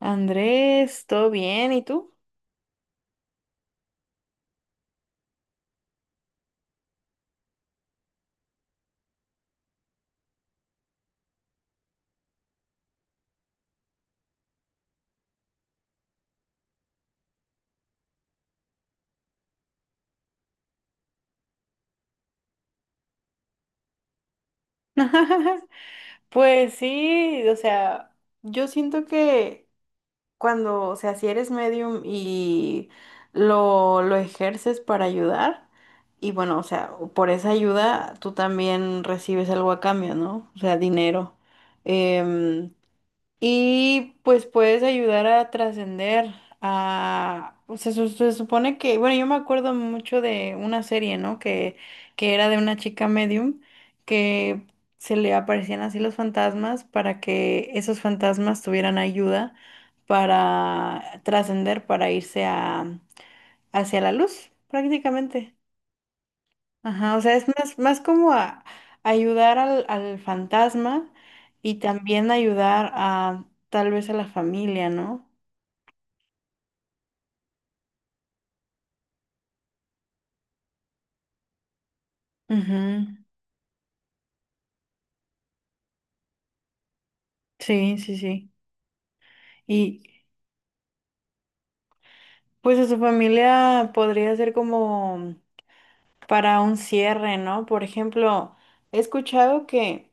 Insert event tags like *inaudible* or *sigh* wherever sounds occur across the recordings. Andrés, ¿todo bien? ¿Y tú? *laughs* Pues sí, o sea, yo siento que si eres medium y lo ejerces para ayudar, y bueno, o sea, por esa ayuda tú también recibes algo a cambio, ¿no? O sea, dinero. Em, Y pues puedes ayudar a trascender a... O sea, supone que... Bueno, yo me acuerdo mucho de una serie, ¿no? Que era de una chica medium que se le aparecían así los fantasmas para que esos fantasmas tuvieran ayuda para trascender, para irse a, hacia la luz, prácticamente. Ajá, o sea, es más, más como ayudar al fantasma y también ayudar a tal vez a la familia, ¿no? Ujú. Sí, sí, sí. Y pues a su familia podría ser como para un cierre, ¿no? Por ejemplo, he escuchado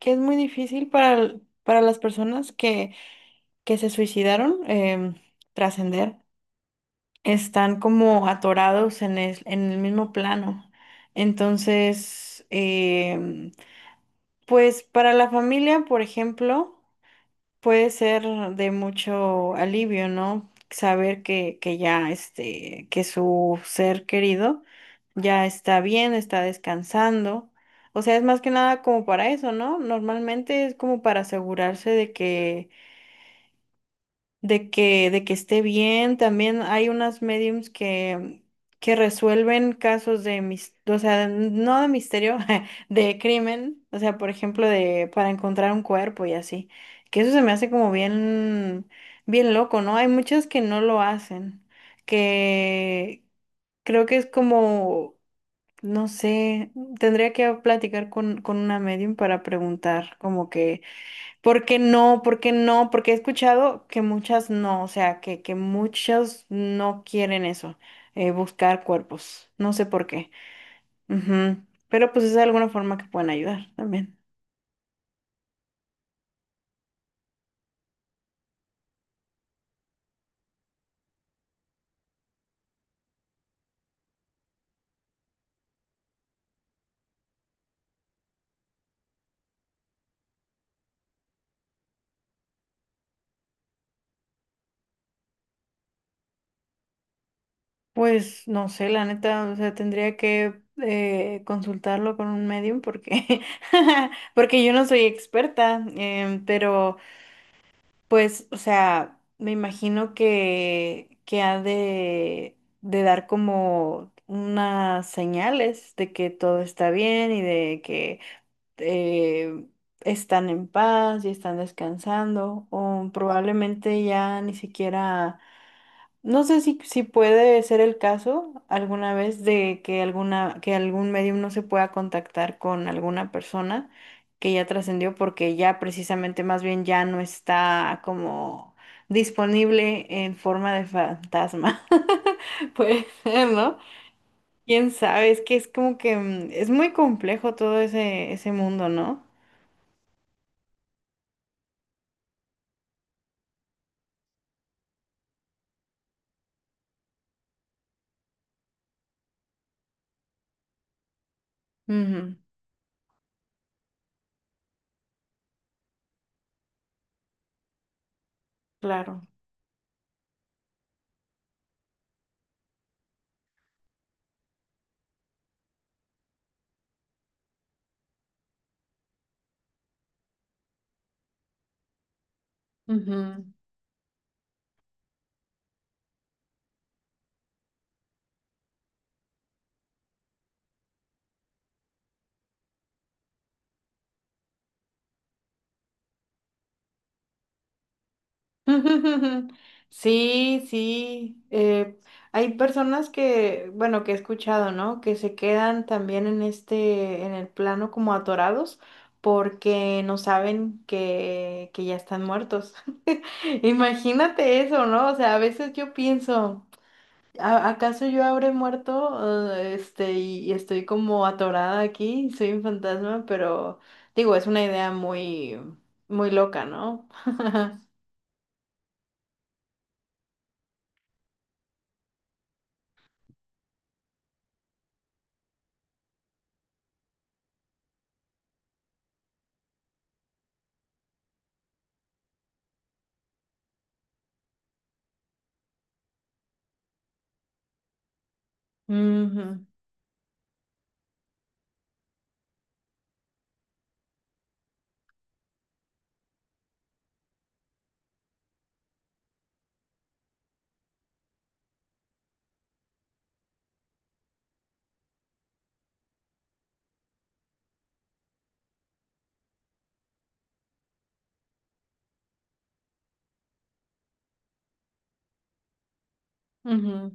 que es muy difícil para, para las personas que se suicidaron, trascender. Están como atorados en el mismo plano. Entonces, pues para la familia, por ejemplo, puede ser de mucho alivio, ¿no? Saber que que su ser querido ya está bien, está descansando. O sea, es más que nada como para eso, ¿no? Normalmente es como para asegurarse de de que esté bien. También hay unas mediums que resuelven casos o sea, no de misterio, *laughs* de crimen, o sea, por ejemplo, de para encontrar un cuerpo y así. Que eso se me hace como bien, bien loco, ¿no? Hay muchas que no lo hacen, que creo que es como, no sé, tendría que platicar con una medium para preguntar, como que ¿Por qué no? ¿Por qué no? Porque he escuchado que muchas no, o sea, que muchos no quieren eso, buscar cuerpos. No sé por qué. Ujú. Pero pues es de alguna forma que pueden ayudar también. Pues no sé, la neta, o sea, tendría que consultarlo con un medium porque, *laughs* porque yo no soy experta, pero pues, o sea, me imagino que ha de dar como unas señales de que todo está bien y de que eh, están en paz y están descansando, o probablemente ya ni siquiera no sé si, si puede ser el caso alguna vez de que alguna, que algún medium no se pueda contactar con alguna persona que ya trascendió porque ya precisamente más bien ya no está como disponible en forma de fantasma. *laughs* Puede ser, ¿no? Quién sabe, es que es como que mm, es muy complejo todo ese, ese mundo, ¿no? Ujú, claro. Ujú. *laughs* Sí, sí. Hay personas que, bueno, que he escuchado, ¿no? Que se quedan también en este, en el plano como atorados porque no saben que ya están muertos. *laughs* Imagínate eso, ¿no? O sea, a veces yo pienso, ¿acaso yo habré muerto? Y estoy como atorada aquí, soy un fantasma, pero digo, es una idea muy, muy loca, ¿no? Ujú, ujú.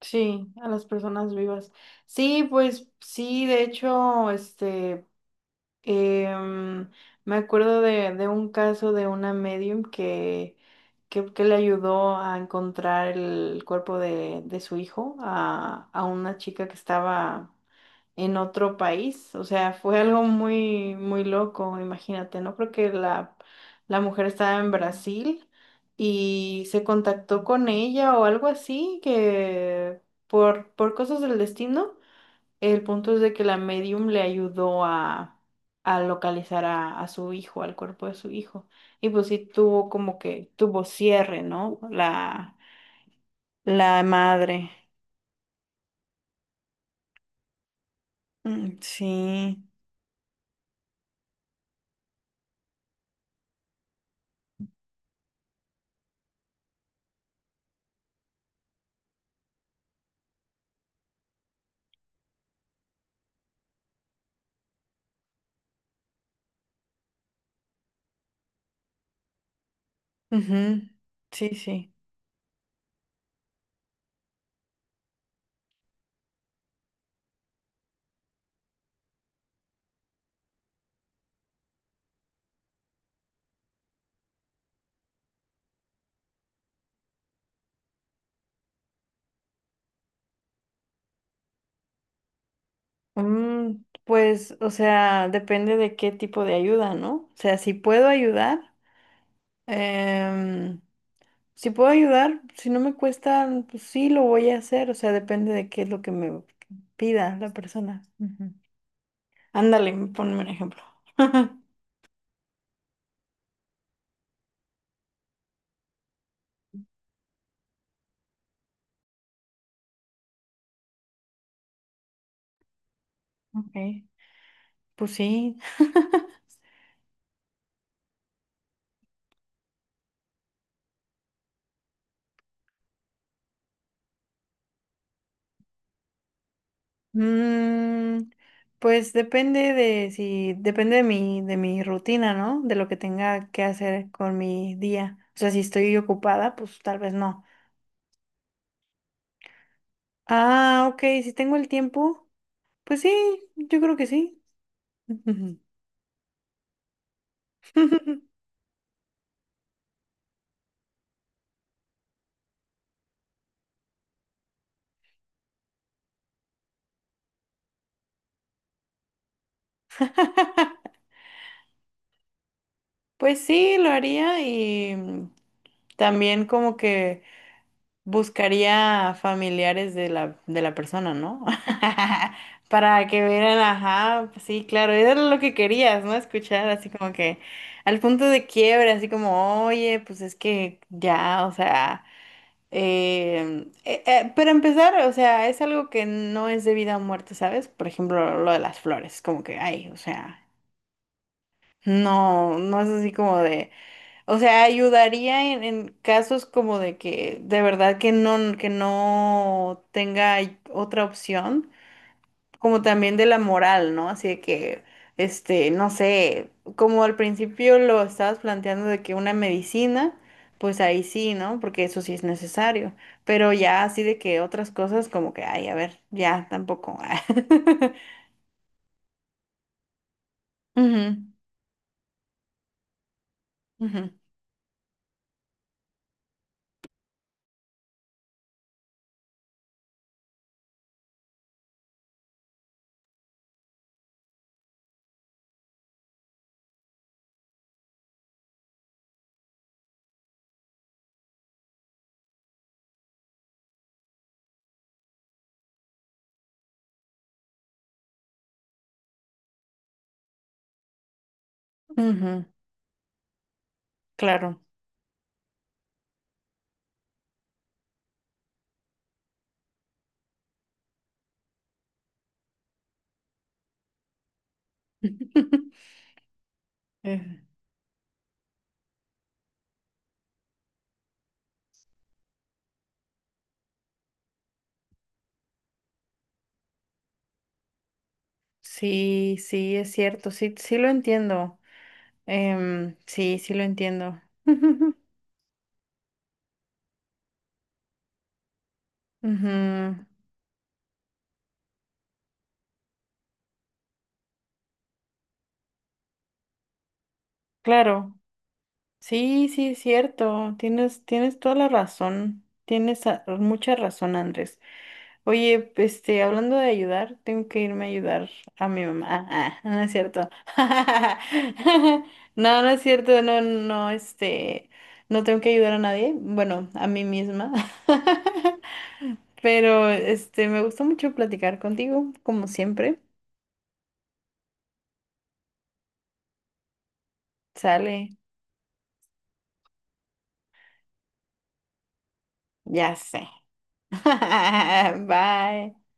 Sí, a las personas vivas. Sí, pues sí, de hecho, este, em, me acuerdo de un caso de una medium que le ayudó a encontrar el cuerpo de su hijo a una chica que estaba en otro país. O sea, fue algo muy, muy loco, imagínate, ¿no? Porque la mujer estaba en Brasil y se contactó con ella o algo así, que por cosas del destino, el punto es de que la medium le ayudó a localizar a su hijo, al cuerpo de su hijo. Y pues sí tuvo como que, tuvo cierre, ¿no? La madre. Mm, sí. Ujú. Sí, sí. Mm, pues, o sea, depende de qué tipo de ayuda, ¿no? O sea, si puedo ayudar, em, si puedo ayudar, si no me cuesta, pues sí lo voy a hacer, o sea, depende de qué es lo que me pida la persona. Ujú. Ándale, ponme un ejemplo. *laughs* Ok, pues sí. *laughs* Mm, pues depende de si, depende de mi rutina, ¿no? De lo que tenga que hacer con mi día. O sea, si estoy ocupada, pues tal vez no. Ah, ok, si tengo el tiempo, pues sí, yo creo que sí. *laughs* Pues sí, lo haría y mm, también como que buscaría familiares de la persona, ¿no? *laughs* Para que vieran, ajá, pues sí, claro, eso era lo que querías, ¿no? Escuchar así como que al punto de quiebre, así como, oye, pues es que ya, o sea... pero empezar, o sea, es algo que no es de vida o muerte, ¿sabes? Por ejemplo, lo de las flores, como que, ay, o sea, no, no es así como de, o sea, ayudaría en casos como de de verdad que no tenga otra opción, como también de la moral, ¿no? Así de que, este, no sé, como al principio lo estabas planteando de que una medicina, pues ahí sí, ¿no? Porque eso sí es necesario, pero ya así de que otras cosas como que, ay, a ver, ya tampoco. *laughs* Ujú, ujú, ujú, claro. *laughs* Eh, sí, sí, es cierto, sí, sí lo entiendo. Sí, sí lo entiendo. *laughs* Ujú. Claro. Sí, sí, es cierto. Tienes, tienes toda la razón. Tienes mucha razón, Andrés. Oye, este, hablando de ayudar, tengo que irme a ayudar a mi mamá. Ah, ah, no es cierto. *laughs* No, no es cierto. No, no, este, no tengo que ayudar a nadie. Bueno, a mí misma. *laughs* Pero, este, me gustó mucho platicar contigo, como siempre. Sale, ya sé. *laughs* Bye.